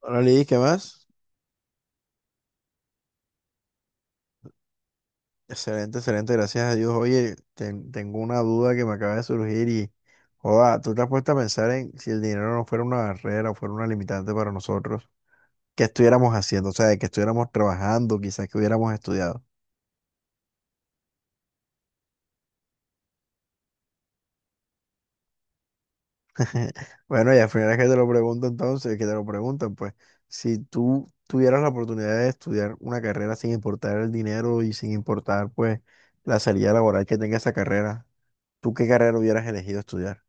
Hola Lidis, ¿qué más? Excelente, excelente, gracias a Dios. Oye, tengo una duda que me acaba de surgir y, joda, ¿tú te has puesto a pensar en si el dinero no fuera una barrera o fuera una limitante para nosotros? ¿Qué estuviéramos haciendo? O sea, que estuviéramos trabajando, quizás que hubiéramos estudiado. Bueno, y al final es que te lo pregunto entonces, que te lo preguntan, pues, si tú tuvieras la oportunidad de estudiar una carrera sin importar el dinero y sin importar, pues, la salida laboral que tenga esa carrera, ¿tú qué carrera hubieras elegido estudiar?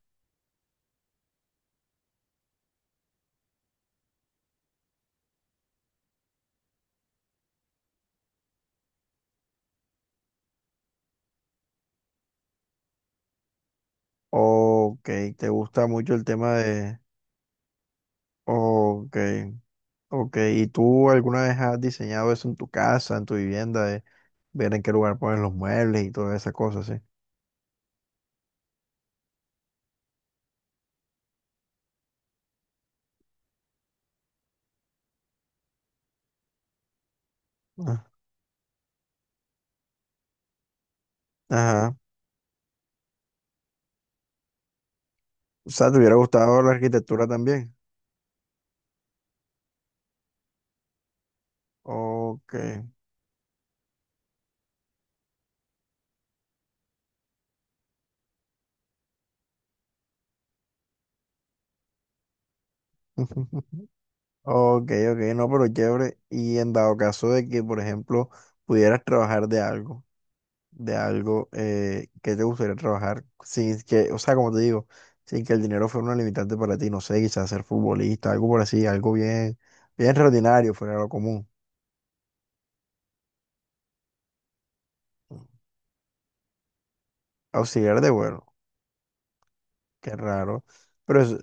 Ok, te gusta mucho el tema de. Ok, ok. ¿Y tú alguna vez has diseñado eso en tu casa, en tu vivienda, de ver en qué lugar pones los muebles y todas esas cosas, sí? Ah, ajá. O sea, ¿te hubiera gustado la arquitectura también? Ok. Ok, ok, no, pero chévere. Y en dado caso de que, por ejemplo, pudieras trabajar de algo. Que te gustaría trabajar sin que, o sea, como te digo, sin que el dinero fuera una limitante para ti, no sé, quizás ser futbolista, algo por así, algo bien, bien extraordinario, fuera de lo común. Auxiliar de vuelo, qué raro, pero eso,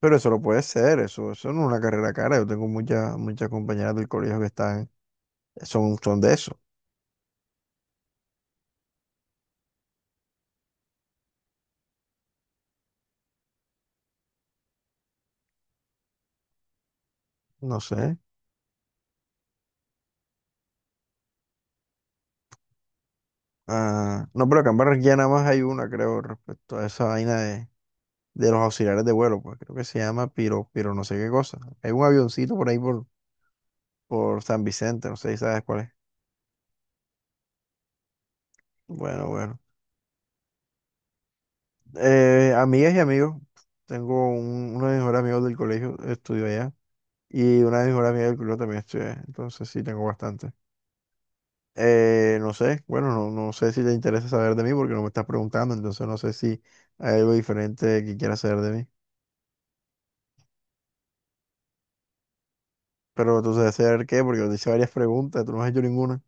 pero eso lo puede ser, eso no es una carrera cara, yo tengo muchas, muchas compañeras del colegio que están, son de eso, no sé. Ah, no, pero acá en Barranquilla nada más hay una, creo, respecto a esa vaina de los auxiliares de vuelo, pues creo que se llama Piro, Piro no sé qué cosa. Hay un avioncito por ahí por San Vicente, no sé si sabes cuál es. Bueno, bueno. Amigas y amigos, tengo uno de mis mejores amigos del colegio, estudió allá, y una de mis mejores amigas del colegio también estudió allá, entonces sí tengo bastante. No sé, bueno, no, no sé si te interesa saber de mí porque no me estás preguntando, entonces no sé si hay algo diferente que quieras saber de mí. Pero tú sabes saber qué, porque yo te hice varias preguntas, tú no has hecho ninguna.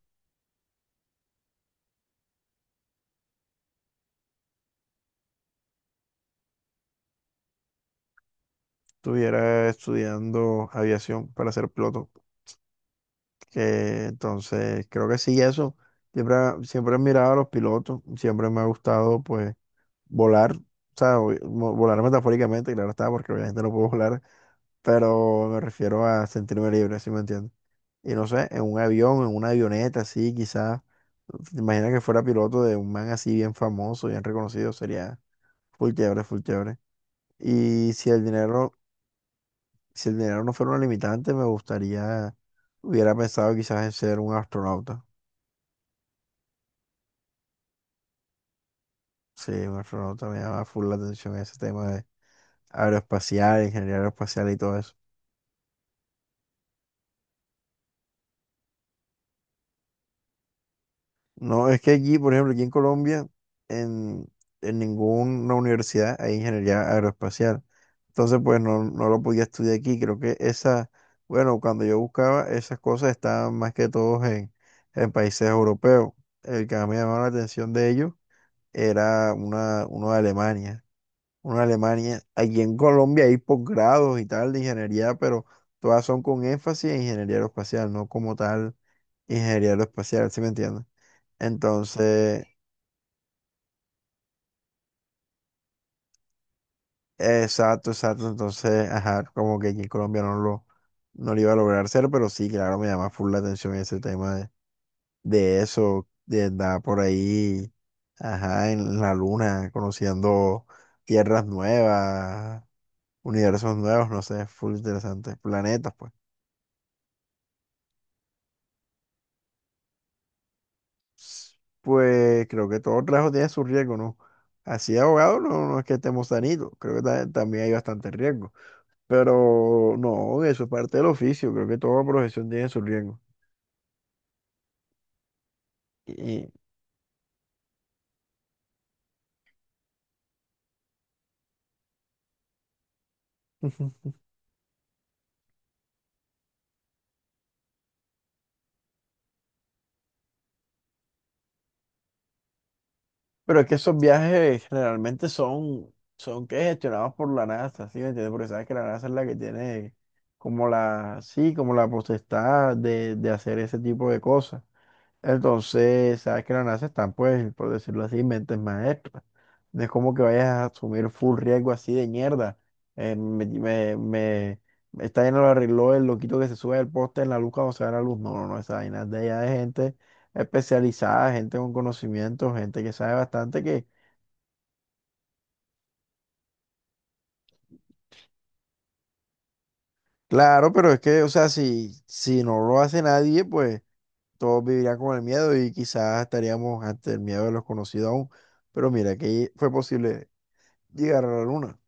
Estuviera estudiando aviación para ser piloto. Que, entonces, creo que sí, eso. Siempre, siempre he mirado a los pilotos, siempre me ha gustado, pues, volar. O sea, volar metafóricamente, claro está, porque obviamente no puedo volar, pero me refiero a sentirme libre, ¿sí me entiendes? Y no sé, en un avión, en una avioneta, así, quizás. ¿Te imaginas que fuera piloto de un man así bien famoso, bien reconocido? Sería full chévere, full chévere. Y si el dinero Si el dinero no fuera una limitante, me gustaría, hubiera pensado quizás en ser un astronauta. Sí, un astronauta me llama full la atención ese tema de aeroespacial, ingeniería aeroespacial y todo eso. No, es que aquí, por ejemplo, aquí en Colombia, en, en ninguna universidad hay ingeniería aeroespacial. Entonces, pues no, no lo podía estudiar aquí. Creo que esa, bueno, cuando yo buscaba, esas cosas estaban más que todos en, países europeos. El que más me llamaba la atención de ellos era uno de Alemania. Una Alemania. Aquí en Colombia hay posgrados y tal de ingeniería, pero todas son con énfasis en ingeniería aeroespacial, no como tal ingeniería aeroespacial, ¿sí me entiendes? Entonces, exacto, exacto. Entonces, ajá, como que aquí en Colombia no lo, iba a lograr hacer, pero sí, claro, me llama full la atención ese tema de eso, de andar por ahí, ajá, en la luna, conociendo tierras nuevas, universos nuevos, no sé, full interesante, planetas, pues. Pues creo que todo trabajo tiene su riesgo, ¿no? Así de abogado no, no es que estemos sanitos, creo que también hay bastante riesgo. Pero no, eso es parte del oficio, creo que toda profesión tiene su riesgo. Y, Ujú. Pero es que esos viajes generalmente son, que gestionados por la NASA, ¿sí me entiendes? Porque sabes que la NASA es la que tiene como la, sí, como la potestad de hacer ese tipo de cosas. Entonces, sabes que la NASA están, pues, por decirlo así, mentes maestras. No es como que vayas a asumir full riesgo así de mierda. Eh, me, me, me- Esta vaina lo arregló el loquito que se sube al poste en la luz cuando se da la luz. No, no, no, esa vaina es de allá, de gente especializada, gente con conocimiento, gente que sabe bastante que. Claro, pero es que, o sea, si, no lo hace nadie, pues todos vivirían con el miedo y quizás estaríamos ante el miedo de los conocidos aún. Pero mira, que fue posible llegar a la luna.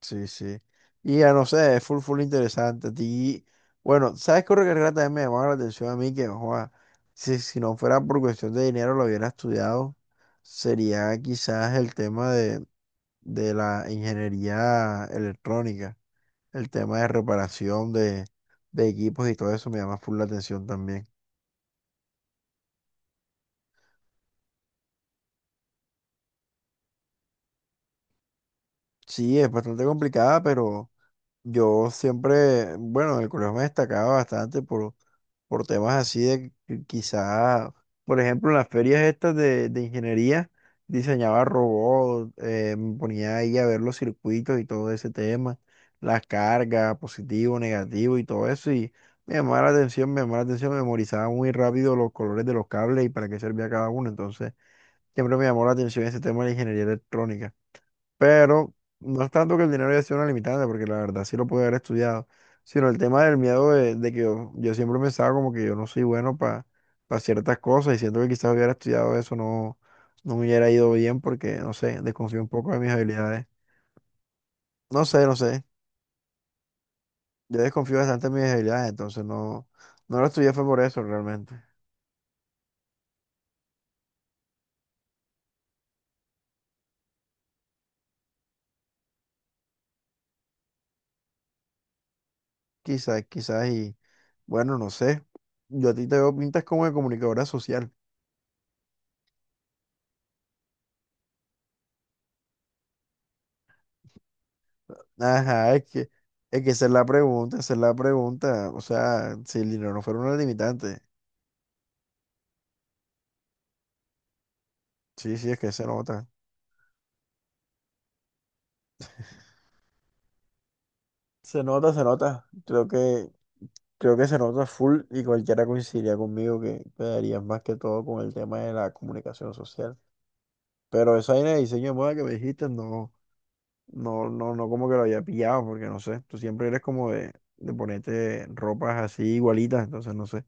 Sí, sí. Y ya no sé, es full, full interesante. A ti, bueno, ¿sabes qué otra carrera también me llamaba la atención a mí? Que, joa, si, no fuera por cuestión de dinero, lo hubiera estudiado. Sería quizás el tema de, la ingeniería electrónica, el tema de reparación de equipos y todo eso me llama full la atención también. Sí, es bastante complicada, pero yo siempre, bueno, en el colegio me destacaba bastante por temas así de que quizá, por ejemplo, en las ferias estas de ingeniería, diseñaba robots, me ponía ahí a ver los circuitos y todo ese tema, las cargas, positivo, negativo y todo eso, y me llamaba la atención, me llamaba la atención, memorizaba muy rápido los colores de los cables y para qué servía cada uno, entonces siempre me llamó la atención ese tema de la ingeniería electrónica. Pero no es tanto que el dinero haya sido una limitante, porque la verdad sí lo pude haber estudiado, sino el tema del miedo de, que yo siempre pensaba como que yo no soy bueno para ciertas cosas y siento que quizás hubiera estudiado eso, no, no me hubiera ido bien porque, no sé, desconfío un poco de mis habilidades. No sé, no sé, yo desconfío bastante de mis habilidades, entonces no, no lo estudié fue por eso realmente. Quizás, quizás y bueno, no sé, yo a ti te veo pintas como de comunicadora social. Ajá, es que, esa es la pregunta, esa es la pregunta. O sea, si el dinero no fuera una limitante. Sí, sí, es que se nota. Se nota, se nota. creo que se nota full, y cualquiera coincidiría conmigo que quedarías más que todo con el tema de la comunicación social. Pero esa idea de diseño de moda que me dijiste, no, no, no, no como que lo había pillado, porque no sé, tú siempre eres como de ponerte ropas así igualitas, entonces no sé.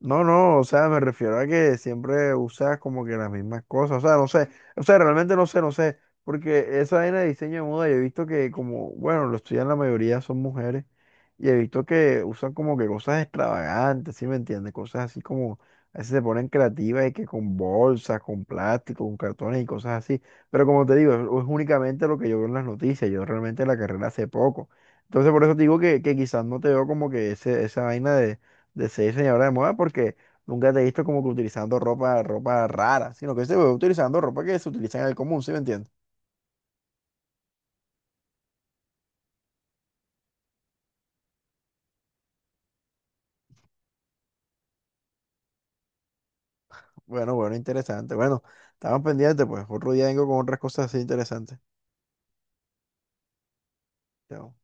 No, no, o sea, me refiero a que siempre usas como que las mismas cosas, o sea, no sé, o sea, realmente no sé, no sé, porque esa vaina de diseño de moda, yo he visto que como, bueno, lo estudian la mayoría son mujeres, y he visto que usan como que cosas extravagantes, ¿sí me entiendes? Cosas así como, a veces se ponen creativas y que con bolsas, con plástico, con cartones y cosas así, pero como te digo, es únicamente lo que yo veo en las noticias, yo realmente la carrera hace poco, entonces por eso te digo que, quizás no te veo como que ese, esa vaina de ser diseñadora de moda porque nunca te he visto como que utilizando ropa, ropa rara, sino que se ve utilizando ropa que se utiliza en el común, ¿sí me entiendes? Bueno, bueno, interesante. Bueno, estamos pendientes, pues otro día vengo con otras cosas así interesantes. Chao.